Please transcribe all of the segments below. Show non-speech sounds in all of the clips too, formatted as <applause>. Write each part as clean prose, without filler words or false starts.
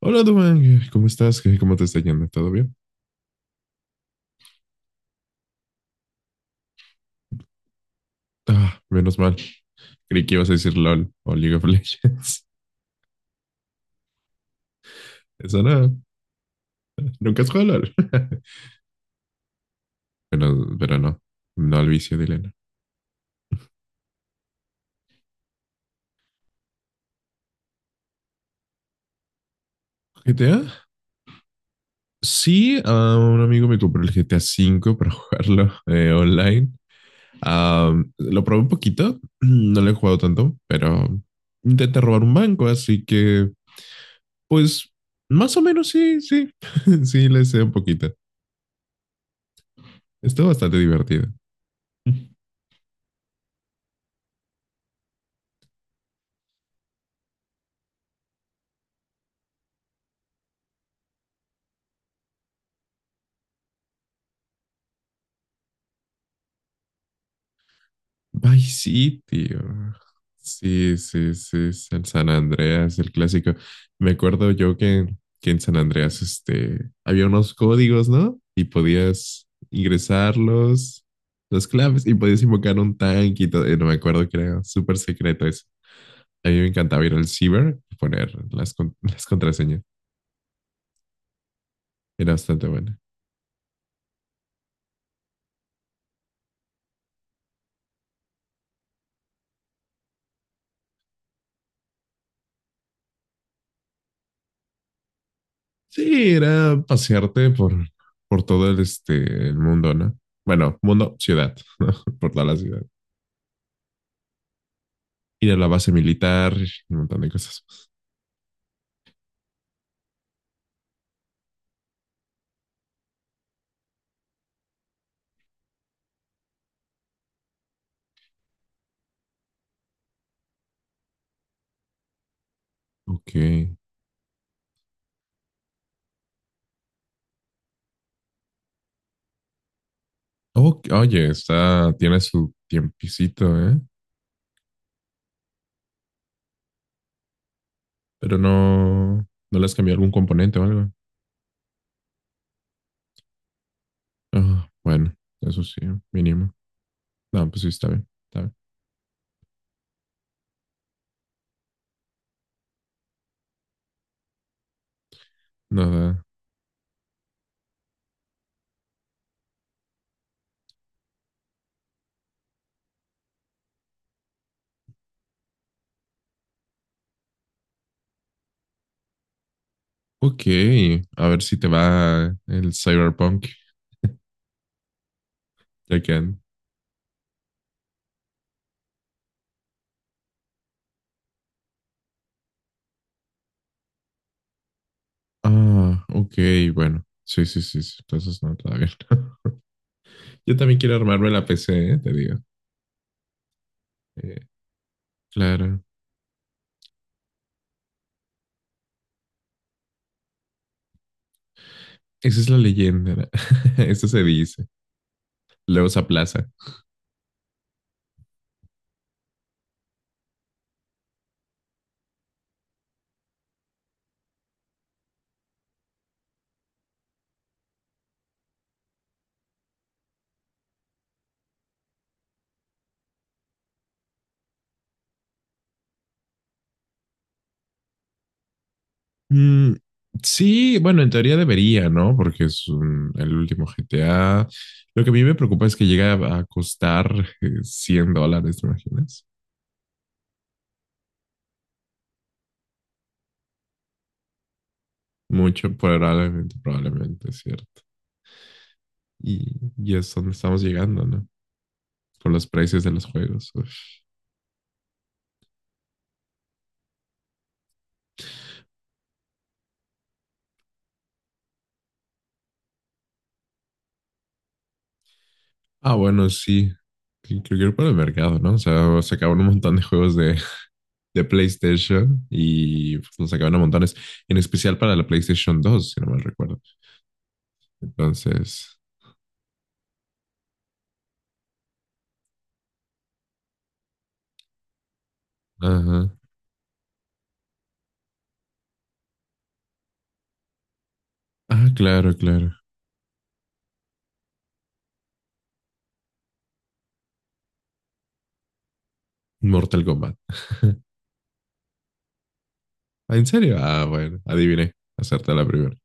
Hola, Duan, ¿cómo estás? ¿Cómo te está yendo? ¿Todo bien? Ah, menos mal. Creí que ibas a decir LOL o League of Legends. <laughs> Eso no. Nunca has jugado LOL. <laughs> Pero no. No al vicio de Elena. ¿GTA? Sí, a un amigo me compró el GTA cinco <laughs> para jugarlo online. Ah, lo probé un poquito. No lo he jugado tanto, pero intenté robar un banco, así que, pues, más o menos sí, sí. <laughs> Sí, le sé un poquito. Está bastante divertido. Vice City. Oh. Sí, sí, sí, es el San Andreas, el clásico. Me acuerdo yo que en San Andreas este, había unos códigos, ¿no? Y podías ingresarlos, las claves, y podías invocar un tanque y todo. No me acuerdo, que era súper secreto eso. A mí me encantaba ir al ciber y poner las, <laughs> las contraseñas. Era bastante buena. Sí, era pasearte por todo el, este, el mundo, ¿no? Bueno, mundo, ciudad, <laughs> ¿no? Por toda la ciudad. Ir a la base militar y un montón de cosas más. Ok. Ok, oye, está, tiene su tiempicito, ¿eh? Pero no, ¿no le has cambiado algún componente o algo? Ah, bueno, eso sí, mínimo. No, pues sí, está bien, está bien. Nada. Ok, a ver si te va el Cyberpunk, ya que an- Ah, ok, bueno. Sí, sí, sí, sí, entonces no, está bien. <laughs> Yo también quiero armarme la PC, ¿eh? Te digo. Eh, claro. Esa es la leyenda. <laughs> Eso se dice. Luego se aplaza. Mm, sí, bueno, en teoría debería, ¿no? Porque el último GTA. Lo que a mí me preocupa es que llega a costar $100, ¿te imaginas? Mucho, probablemente, probablemente, es cierto. Y, y es donde estamos llegando, ¿no? Por los precios de los juegos. Uf. Ah, bueno, sí. Creo que era por el mercado, ¿no? O sea, sacaban un montón de juegos de, <laughs> de PlayStation y pues, nos sacaban a montones, en especial para la PlayStation 2 si no mal recuerdo. Entonces, ajá. Ah, claro, claro. Mortal Kombat. <laughs> Ah, ¿en serio? Ah, bueno, adiviné. Acerté la primera.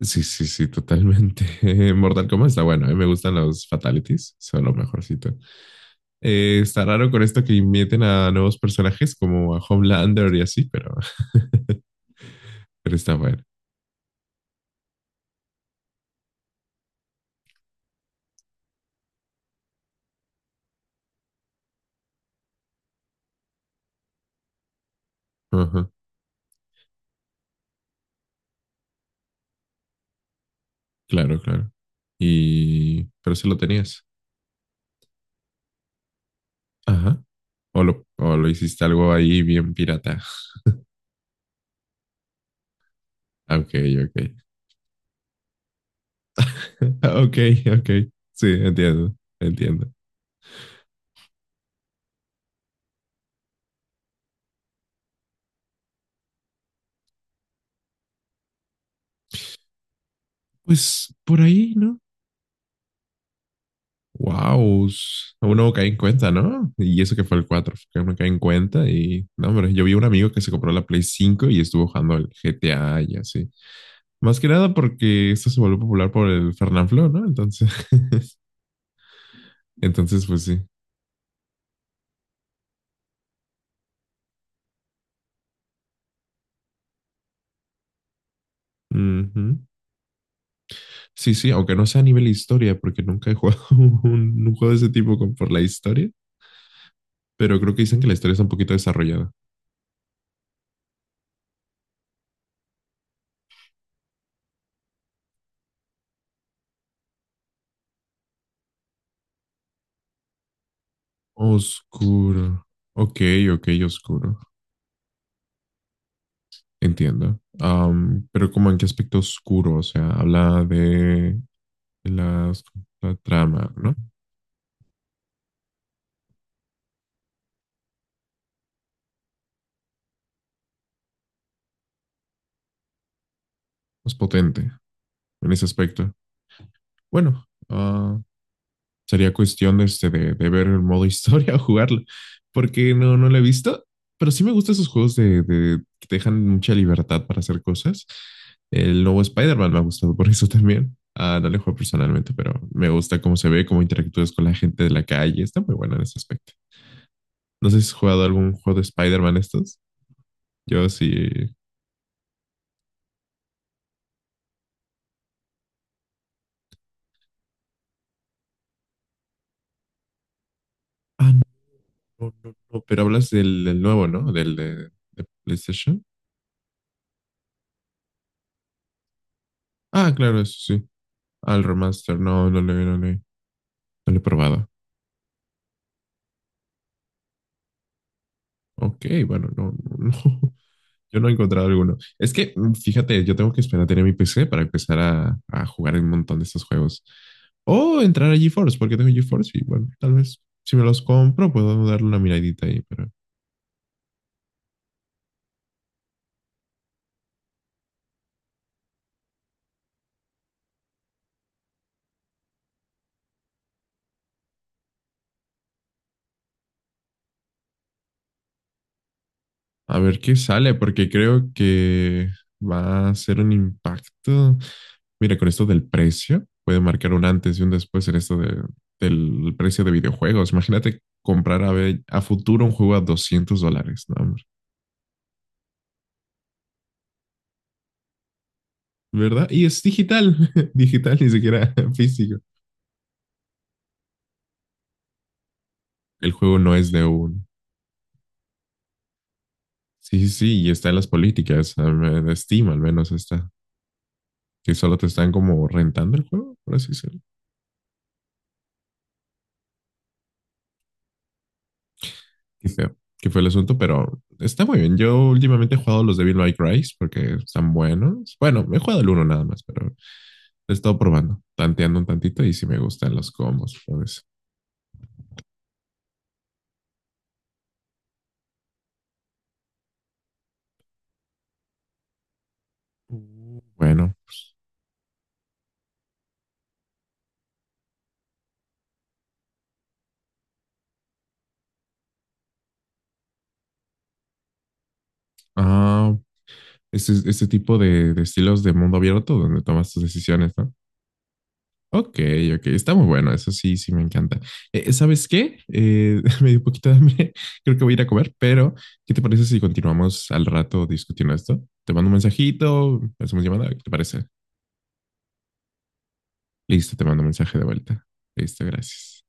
Sí, sí, sí, totalmente. <laughs> Mortal Kombat está bueno. A mí me gustan los fatalities. Son lo mejorcito. Está raro con esto que inviten a nuevos personajes como a Homelander y así, pero, <laughs> pero está bueno. Ajá, claro, claro. Y pero si lo tenías. Ajá. O lo hiciste algo ahí bien pirata. Ok, ok. <laughs> Ok, ok. Sí, entiendo, entiendo. Pues por ahí, ¿no? Wow, aún no caí en cuenta, ¿no? Y eso que fue el 4 que aún no caí en cuenta y no, hombre, yo vi un amigo que se compró la Play 5 y estuvo jugando al GTA y así. Más que nada porque esto se volvió popular por el Fernanfloo, ¿no? Entonces, <laughs> entonces pues sí. Ujú. Sí, sí, aunque no sea a nivel historia, porque nunca he jugado <laughs> un juego de ese tipo por la historia, pero creo que dicen que la historia está un poquito desarrollada. Oscuro. Ok, ok, oscuro. Entiendo. Pero como en qué aspecto oscuro, o sea, habla de las- la trama, ¿no? Es potente en ese aspecto. Bueno, ah, sería cuestión de, este, de ver el modo <laughs> historia o jugarlo, porque no, no lo he visto, pero sí me gustan esos juegos de, que te dejan mucha libertad para hacer cosas. El nuevo Spider-Man me ha gustado por eso también. Ah, no le juego personalmente, pero me gusta cómo se ve, cómo interactúas con la gente de la calle. Está muy buena en ese aspecto. No sé si has jugado algún juego de Spider-Man estos. Yo sí. Ah, no, no, no, no, pero hablas del, del nuevo, ¿no? Del de PlayStation. Ah, claro, eso sí. Al remaster. No, no le, no le, no lo he probado. Ok, bueno, no, no, no. <laughs> Yo no he encontrado alguno. Es que, fíjate, yo tengo que esperar a tener mi PC para empezar a jugar un montón de estos juegos. O entrar a GeForce, porque tengo GeForce y bueno, tal vez si me los compro puedo darle una miradita ahí, pero a ver qué sale, porque creo que va a ser un impacto. Mira, con esto del precio, puede marcar un antes y un después en esto del precio de videojuegos. Imagínate comprar a, a futuro un juego a $200, ¿no? ¿Verdad? Y es digital, <laughs> digital, ni siquiera <laughs> físico. El juego no es de uno. Sí, sí, sí, y está en las políticas, a ver, de Steam al menos está, que solo te están como rentando el juego, por así decirlo. Qué feo, que fue el asunto, pero está muy bien. Yo últimamente he jugado los Devil May Cry porque están buenos. Bueno, he jugado el uno nada más, pero he estado probando, tanteando un tantito y si sí me gustan los combos, pues. Bueno, ah, este tipo de estilos de mundo abierto donde tomas tus decisiones, ¿no? Ok, ok, está muy bueno, eso sí, sí me encanta. ¿Sabes qué? <laughs> Me dio un poquito de hambre, <laughs> creo que voy a ir a comer, pero ¿qué te parece si continuamos al rato discutiendo esto? Te mando un mensajito, hacemos llamada, ¿qué te parece? Listo, te mando un mensaje de vuelta. Listo, gracias.